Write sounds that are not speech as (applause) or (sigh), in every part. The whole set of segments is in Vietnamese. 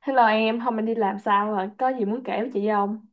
Hello em, hôm anh đi làm sao rồi? Có gì muốn kể với chị không?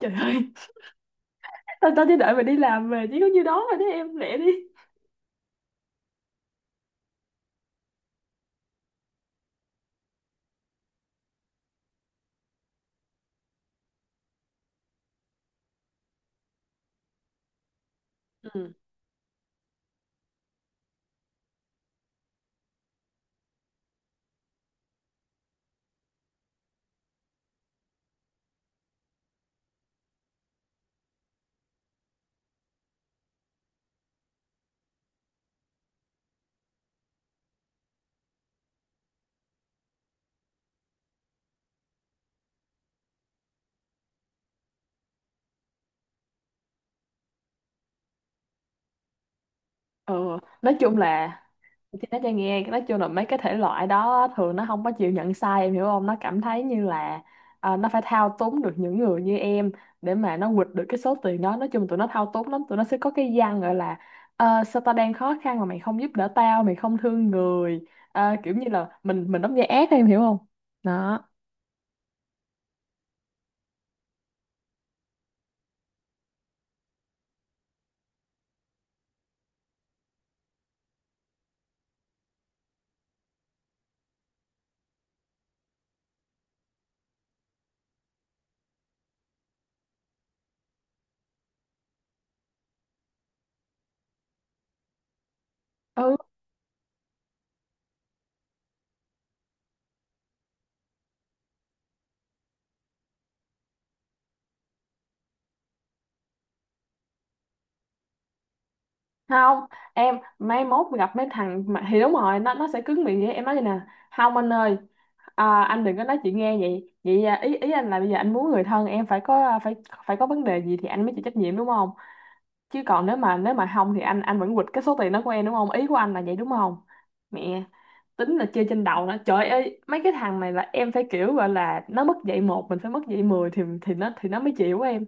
Trời ơi! (laughs) tao tao chỉ đợi mày đi làm về chỉ có nhiêu đó rồi đấy em, lẹ đi. Ừ. Ừ, nói chung là chị nói cho em nghe, nói chung là mấy cái thể loại đó thường nó không có chịu nhận sai, em hiểu không? Nó cảm thấy như là nó phải thao túng được những người như em để mà nó quỵt được cái số tiền đó. Nói chung tụi nó thao túng lắm, tụi nó sẽ có cái văn gọi là "Ờ, sao tao đang khó khăn mà mày không giúp đỡ tao, mày không thương người. Ờ, kiểu như là mình đóng vai ác, em hiểu không? Đó." Không em, mai mốt gặp mấy thằng mà, thì đúng rồi, nó sẽ cứng miệng vậy, em nói vậy nè: "Không anh ơi, anh đừng có nói chuyện nghe vậy vậy, ý ý anh là bây giờ anh muốn người thân em phải có, phải phải có vấn đề gì thì anh mới chịu trách nhiệm đúng không? Chứ còn nếu mà không thì anh vẫn quỵt cái số tiền đó của em đúng không? Ý của anh là vậy đúng không?" Mẹ, tính là chơi trên đầu nó. Trời ơi, mấy cái thằng này là em phải kiểu gọi là nó mất dạy một mình phải mất dạy mười thì nó mới chịu á em.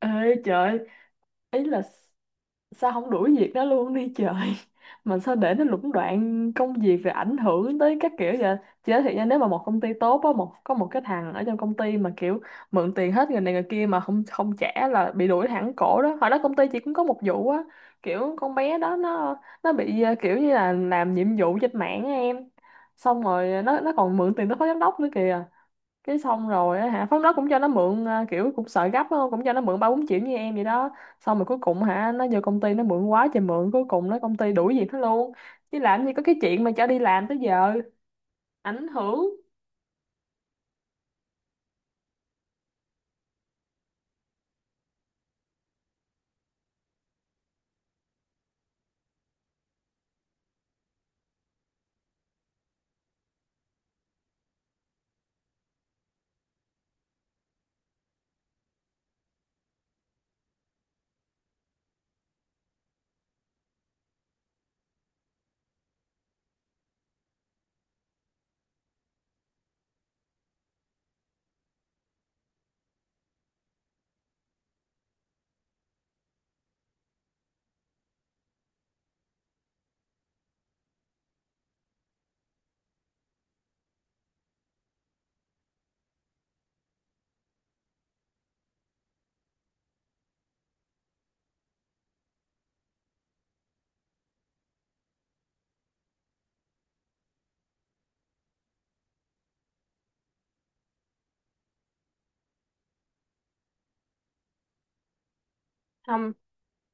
Ê trời, ý là sao không đuổi việc đó luôn đi trời. (laughs) Mà sao để nó lũng đoạn công việc rồi ảnh hưởng tới các kiểu vậy? Chị nói thiệt nha, nếu mà một công ty tốt á, có một cái thằng ở trong công ty mà kiểu mượn tiền hết người này người kia mà không không trả là bị đuổi thẳng cổ đó. Hồi đó công ty chị cũng có một vụ á, kiểu con bé đó nó bị kiểu như là làm nhiệm vụ trên mạng á em, xong rồi nó còn mượn tiền tới phó giám đốc nữa kìa. Cái xong rồi á hả, phóng đó cũng cho nó mượn, kiểu cũng sợ gấp á, cũng cho nó mượn ba bốn triệu như em vậy đó. Xong rồi cuối cùng hả, nó vô công ty nó mượn quá trời mượn, cuối cùng nó công ty đuổi việc nó luôn, chứ làm gì có cái chuyện mà cho đi làm tới giờ ảnh hưởng.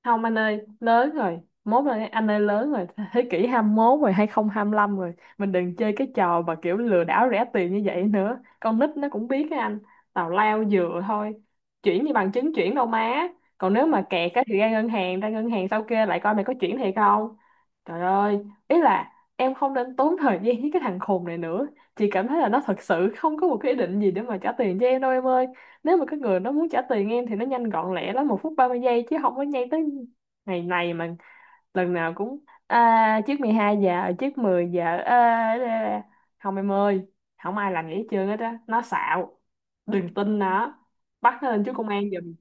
Không anh ơi, lớn rồi mốt rồi anh ơi, lớn rồi. (laughs) Thế kỷ 21 rồi, hai hai không hai lăm rồi, mình đừng chơi cái trò mà kiểu lừa đảo rẻ tiền như vậy nữa, con nít nó cũng biết á anh. Tào lao dừa thôi, chuyển như bằng chứng chuyển đâu má? Còn nếu mà kẹt á thì ra ngân hàng, sau kia lại coi mày có chuyển thiệt không. Trời ơi, ý là em không nên tốn thời gian với cái thằng khùng này nữa. Chị cảm thấy là nó thật sự không có một cái ý định gì để mà trả tiền cho em đâu em ơi. Nếu mà cái người đó muốn trả tiền em thì nó nhanh gọn lẹ lắm, một phút 30 giây chứ không có nhây tới ngày này mà lần nào cũng "Trước 12 giờ, trước 10 giờ, à." Không em ơi, không ai làm vậy hết trơn hết á, nó xạo, đừng tin nó, bắt nó lên trước công an giùm.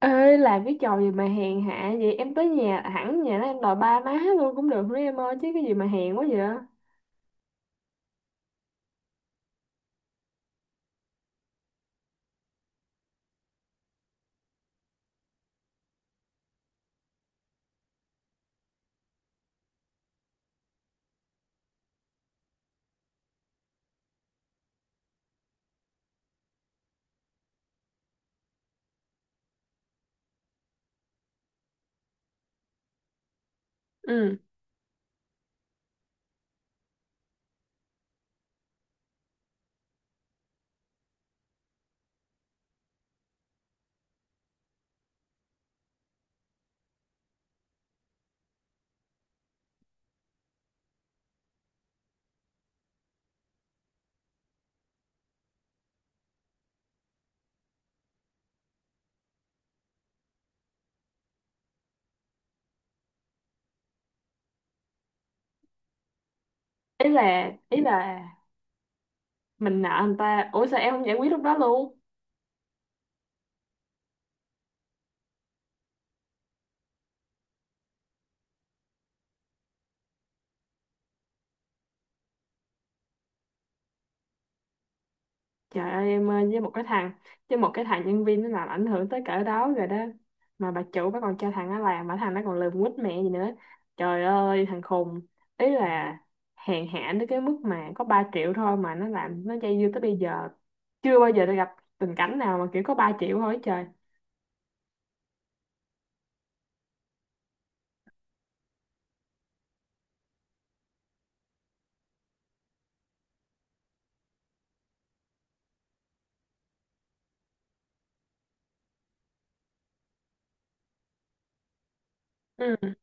Ê làm cái trò gì mà hèn hạ vậy, em tới nhà, hẳn nhà nó, em đòi ba má luôn cũng được nữa em ơi, chứ cái gì mà hèn quá vậy. Ừ, ý là mình nợ người ta, ủa sao em không giải quyết lúc đó luôn? Trời ơi em ơi, với một cái thằng, nhân viên nó làm ảnh hưởng tới cỡ đó rồi đó, mà bà chủ bà còn cho thằng nó làm, mà thằng nó còn lườm quýt mẹ gì nữa. Trời ơi thằng khùng, ý là hèn hạ đến cái mức mà có 3 triệu thôi mà nó làm nó dây dưa tới bây giờ. Chưa bao giờ tôi gặp tình cảnh nào mà kiểu có 3 triệu thôi, trời. Ừ.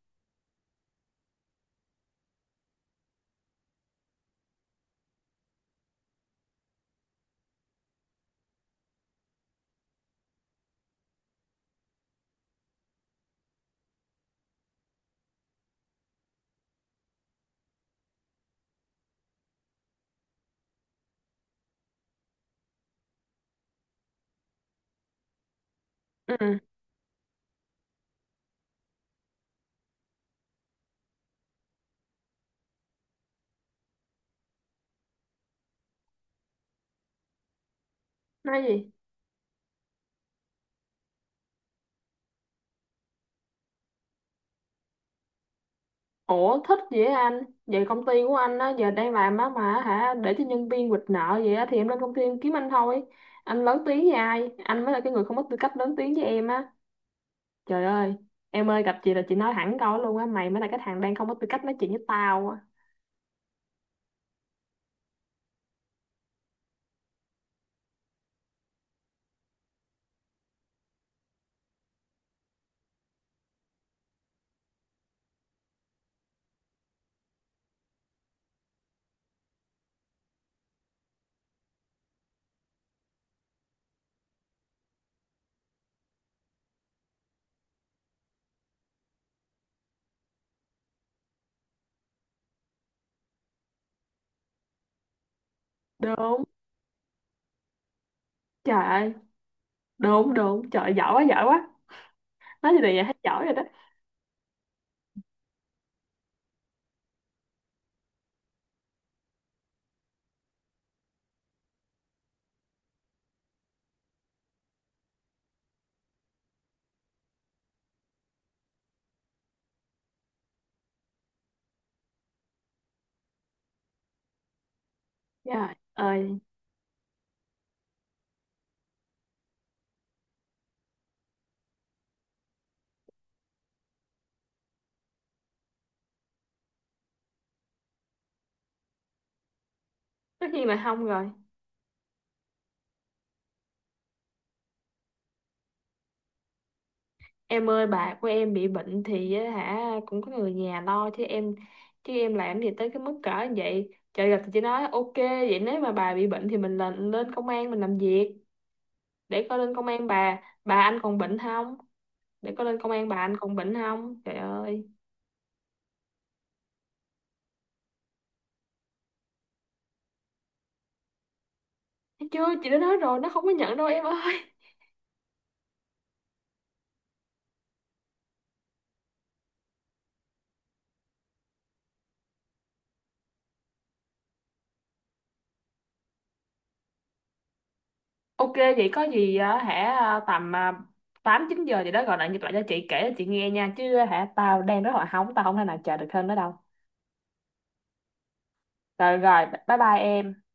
Ừ. Nói gì? Ủa thích vậy anh? Vậy công ty của anh á giờ đang làm á mà hả? Để cho nhân viên quỵt nợ vậy á? Thì em lên công ty em kiếm anh thôi. Anh lớn tiếng với ai? Anh mới là cái người không có tư cách lớn tiếng với em á. Trời ơi. Em ơi gặp chị là chị nói thẳng câu đó luôn á: "Mày mới là cái thằng đang không có tư cách nói chuyện với tao á." Đúng. Trời ơi. Đúng đúng. Trời ơi, giỏi quá giỏi quá. Nói gì vậy, hết giỏi rồi đó. Trời ơi. Tất nhiên là không rồi. Em ơi, bà của em bị bệnh thì á hả cũng có người nhà lo chứ em, chứ em làm gì tới cái mức cỡ như vậy trời. Gặp thì chị nói ok, vậy nếu mà bà bị bệnh thì mình lên lên công an mình làm việc, để coi lên công an bà anh còn bệnh không, để coi lên công an bà anh còn bệnh không. Trời ơi. Thấy chưa, chị đã nói rồi nó không có nhận đâu em ơi. (laughs) Ok vậy có gì á hả tầm tám chín giờ gì đó gọi lại nhịp lại cho chị, kể cho chị nghe nha, chứ hả tao đang rất là hóng, tao không thể nào chờ được hơn nữa đâu. Rồi rồi, bye bye em.